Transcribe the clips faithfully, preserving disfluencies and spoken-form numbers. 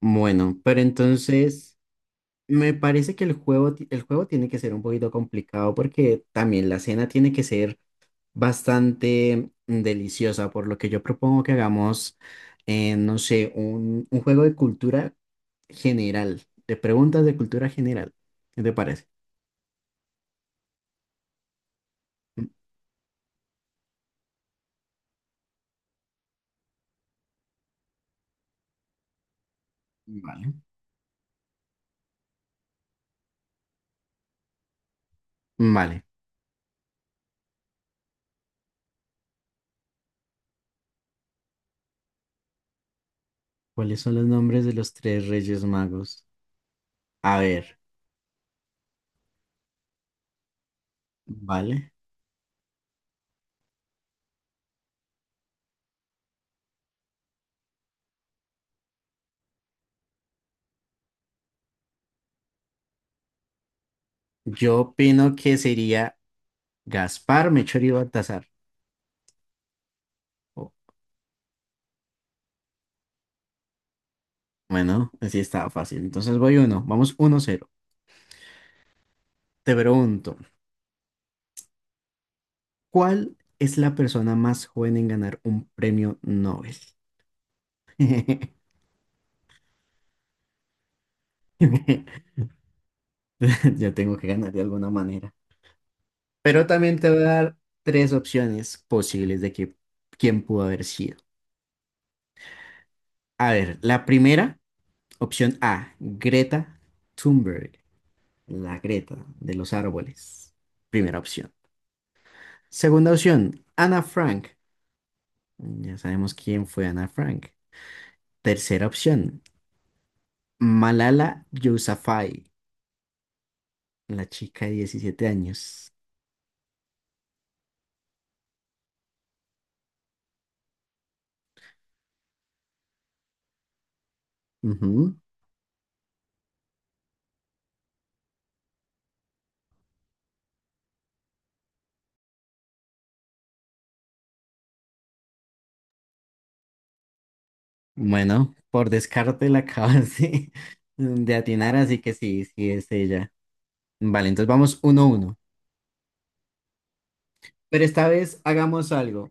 Bueno, pero entonces me parece que el juego, ti- el juego tiene que ser un poquito complicado porque también la cena tiene que ser bastante deliciosa, por lo que yo propongo que hagamos, eh, no sé, un, un juego de cultura general, de preguntas de cultura general. ¿Qué te parece? Mm, vale. Vale. ¿Cuáles son los nombres de los tres reyes magos? A ver, vale. Yo opino que sería Gaspar, Melchor y Baltasar. Bueno, así estaba fácil. Entonces voy uno. Vamos uno cero. Te pregunto, ¿cuál es la persona más joven en ganar un premio Nobel? Yo tengo que ganar de alguna manera. Pero también te voy a dar tres opciones posibles de que, quién pudo haber sido. A ver, la primera, opción A, Greta Thunberg, la Greta de los árboles. Primera opción. Segunda opción, Ana Frank. Ya sabemos quién fue Ana Frank. Tercera opción, Malala Yousafzai, la chica de diecisiete años. Ujú. Bueno, por descarte la acabas de, de atinar, así que sí, sí es ella. Vale, entonces vamos uno a uno. Pero esta vez hagamos algo.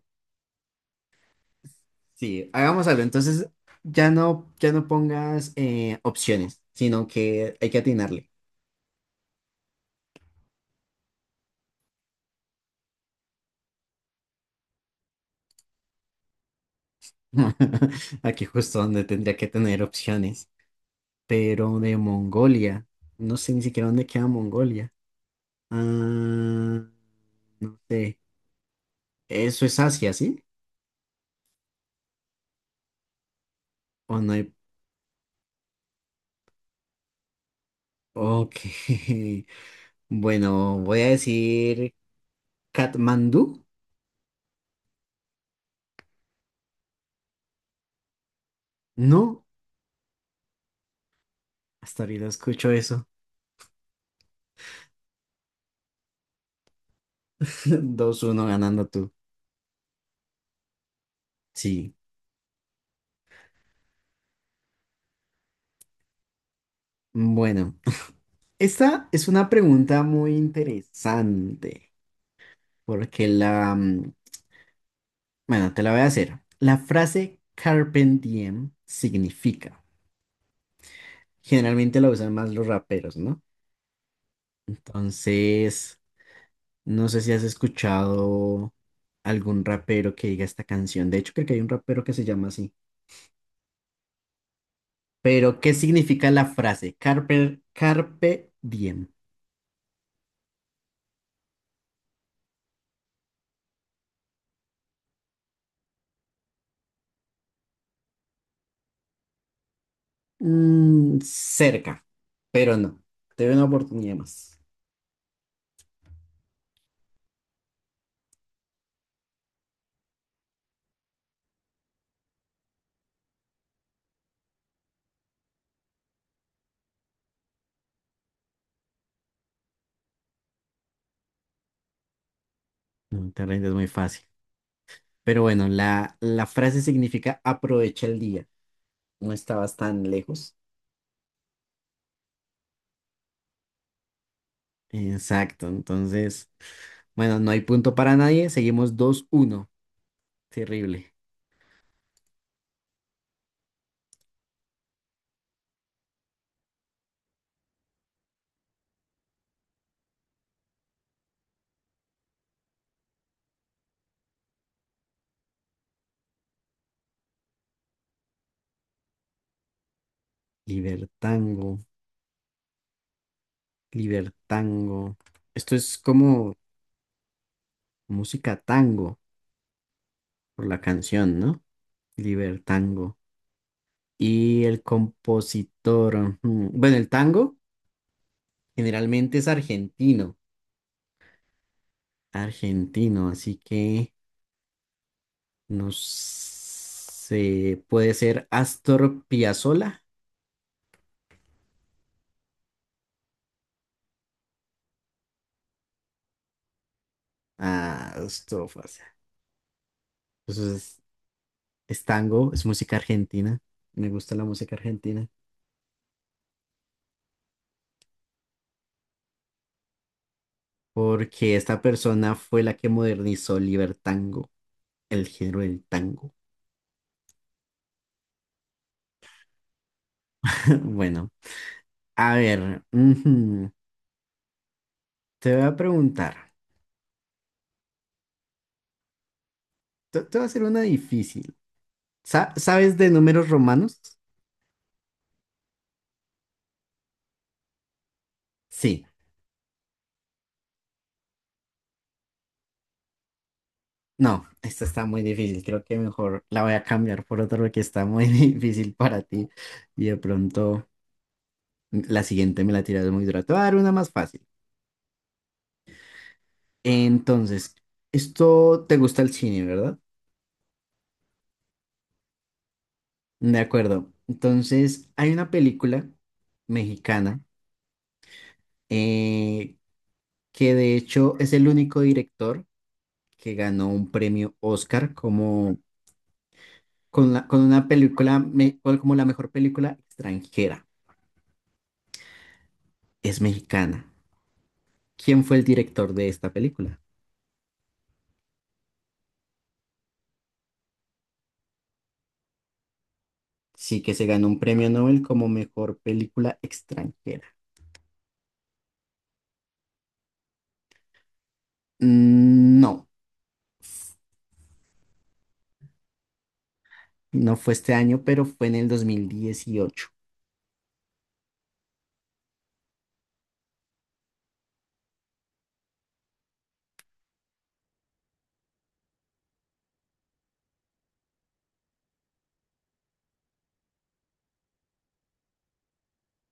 Sí, hagamos algo. Entonces ya no, ya no pongas eh, opciones, sino que hay que atinarle. Aquí justo donde tendría que tener opciones. Pero de Mongolia, no sé ni siquiera dónde queda Mongolia. Ah, no sé. Eso es Asia, ¿sí? O no hay. Ok. Bueno, voy a decir Katmandú. No, hasta ahorita escucho eso. Dos uno, ganando tú. Sí. Bueno, esta es una pregunta muy interesante. Porque la. mm, bueno, te la voy a hacer. La frase Carpe Diem significa. Generalmente la usan más los raperos, ¿no? Entonces. No sé si has escuchado algún rapero que diga esta canción. De hecho, creo que hay un rapero que se llama así. Pero, ¿qué significa la frase? Carpe, carpe diem. Mm, cerca, pero no. Te doy una oportunidad más. No te rindes muy fácil. Pero bueno, la, la frase significa aprovecha el día. No estabas tan lejos. Exacto. Entonces, bueno, no hay punto para nadie. Seguimos dos uno. Terrible. Libertango. Libertango. Esto es como música tango por la canción, ¿no? Libertango. Y el compositor, ujú, bueno, el tango generalmente es argentino, argentino, así que no sé, puede ser Astor Piazzolla. Ah, esto fácil. Eso es, es tango, es música argentina. Me gusta la música argentina porque esta persona fue la que modernizó el libertango. El género del tango. Bueno, a ver, ujú, te voy a preguntar. Te, te voy a hacer una difícil. Sa- ¿Sabes de números romanos? Sí. No, esta está muy difícil. Creo que mejor la voy a cambiar por otro que está muy difícil para ti. Y de pronto la siguiente me la tiras muy dura. Te voy a dar una más fácil. Entonces, esto te gusta el cine, ¿verdad? De acuerdo. Entonces, hay una película mexicana, eh, que de hecho es el único director que ganó un premio Oscar como con, la- con una película me- cual- como la mejor película extranjera. Es mexicana. ¿Quién fue el director de esta película? Sí, que se ganó un premio Nobel como mejor película extranjera. Mm, No, no fue este año, pero fue en el dos mil dieciocho.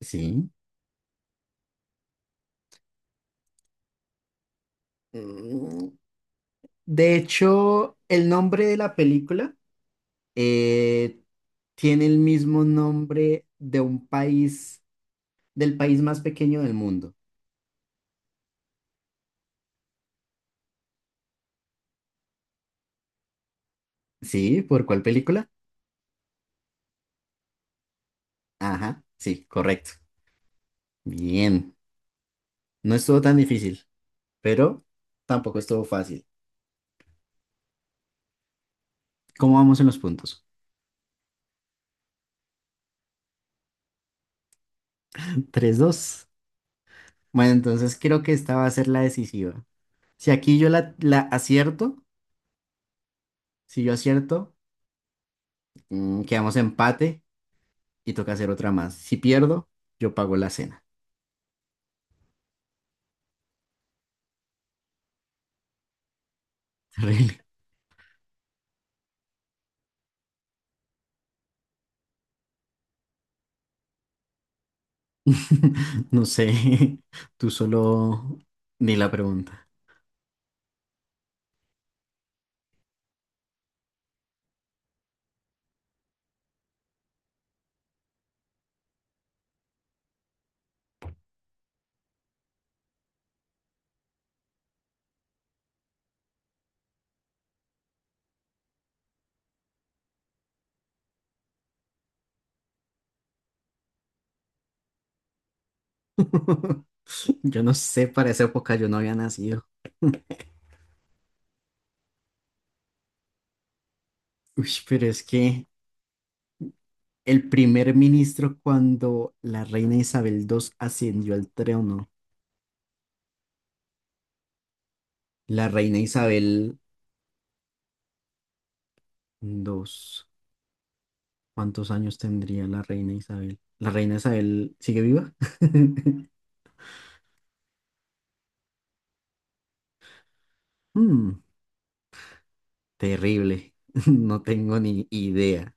Sí. Mm, De hecho, el nombre de la película, eh, tiene el mismo nombre de un país, del país más pequeño del mundo. ¿Sí? ¿Por cuál película? Ajá, sí, correcto. Bien. No estuvo tan difícil, pero tampoco estuvo fácil. ¿Cómo vamos en los puntos? Tres dos. Bueno, entonces creo que esta va a ser la decisiva. Si aquí yo la, la acierto, si yo acierto, mm, quedamos empate y toca hacer otra más. Si pierdo, yo pago la cena. No sé, tú solo ni la pregunta. Yo no sé, para esa época yo no había nacido. Uy, pero es que el primer ministro cuando la reina Isabel segunda ascendió al trono, la reina Isabel segunda, ¿cuántos años tendría la reina Isabel? ¿La reina Isabel sigue viva? Mm, Terrible, no tengo ni idea.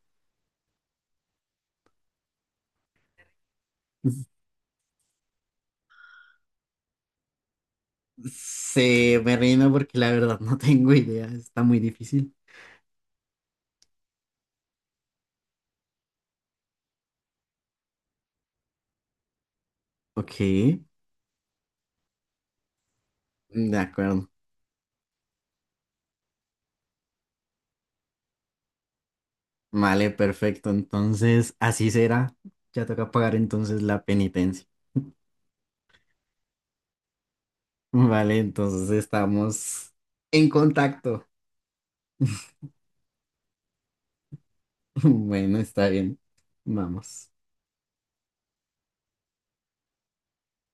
Se me rindo porque la verdad no tengo idea, está muy difícil. Ok, de acuerdo. Vale, perfecto. Entonces, así será. Ya toca pagar entonces la penitencia. Vale, entonces estamos en contacto. Bueno, está bien. Vamos.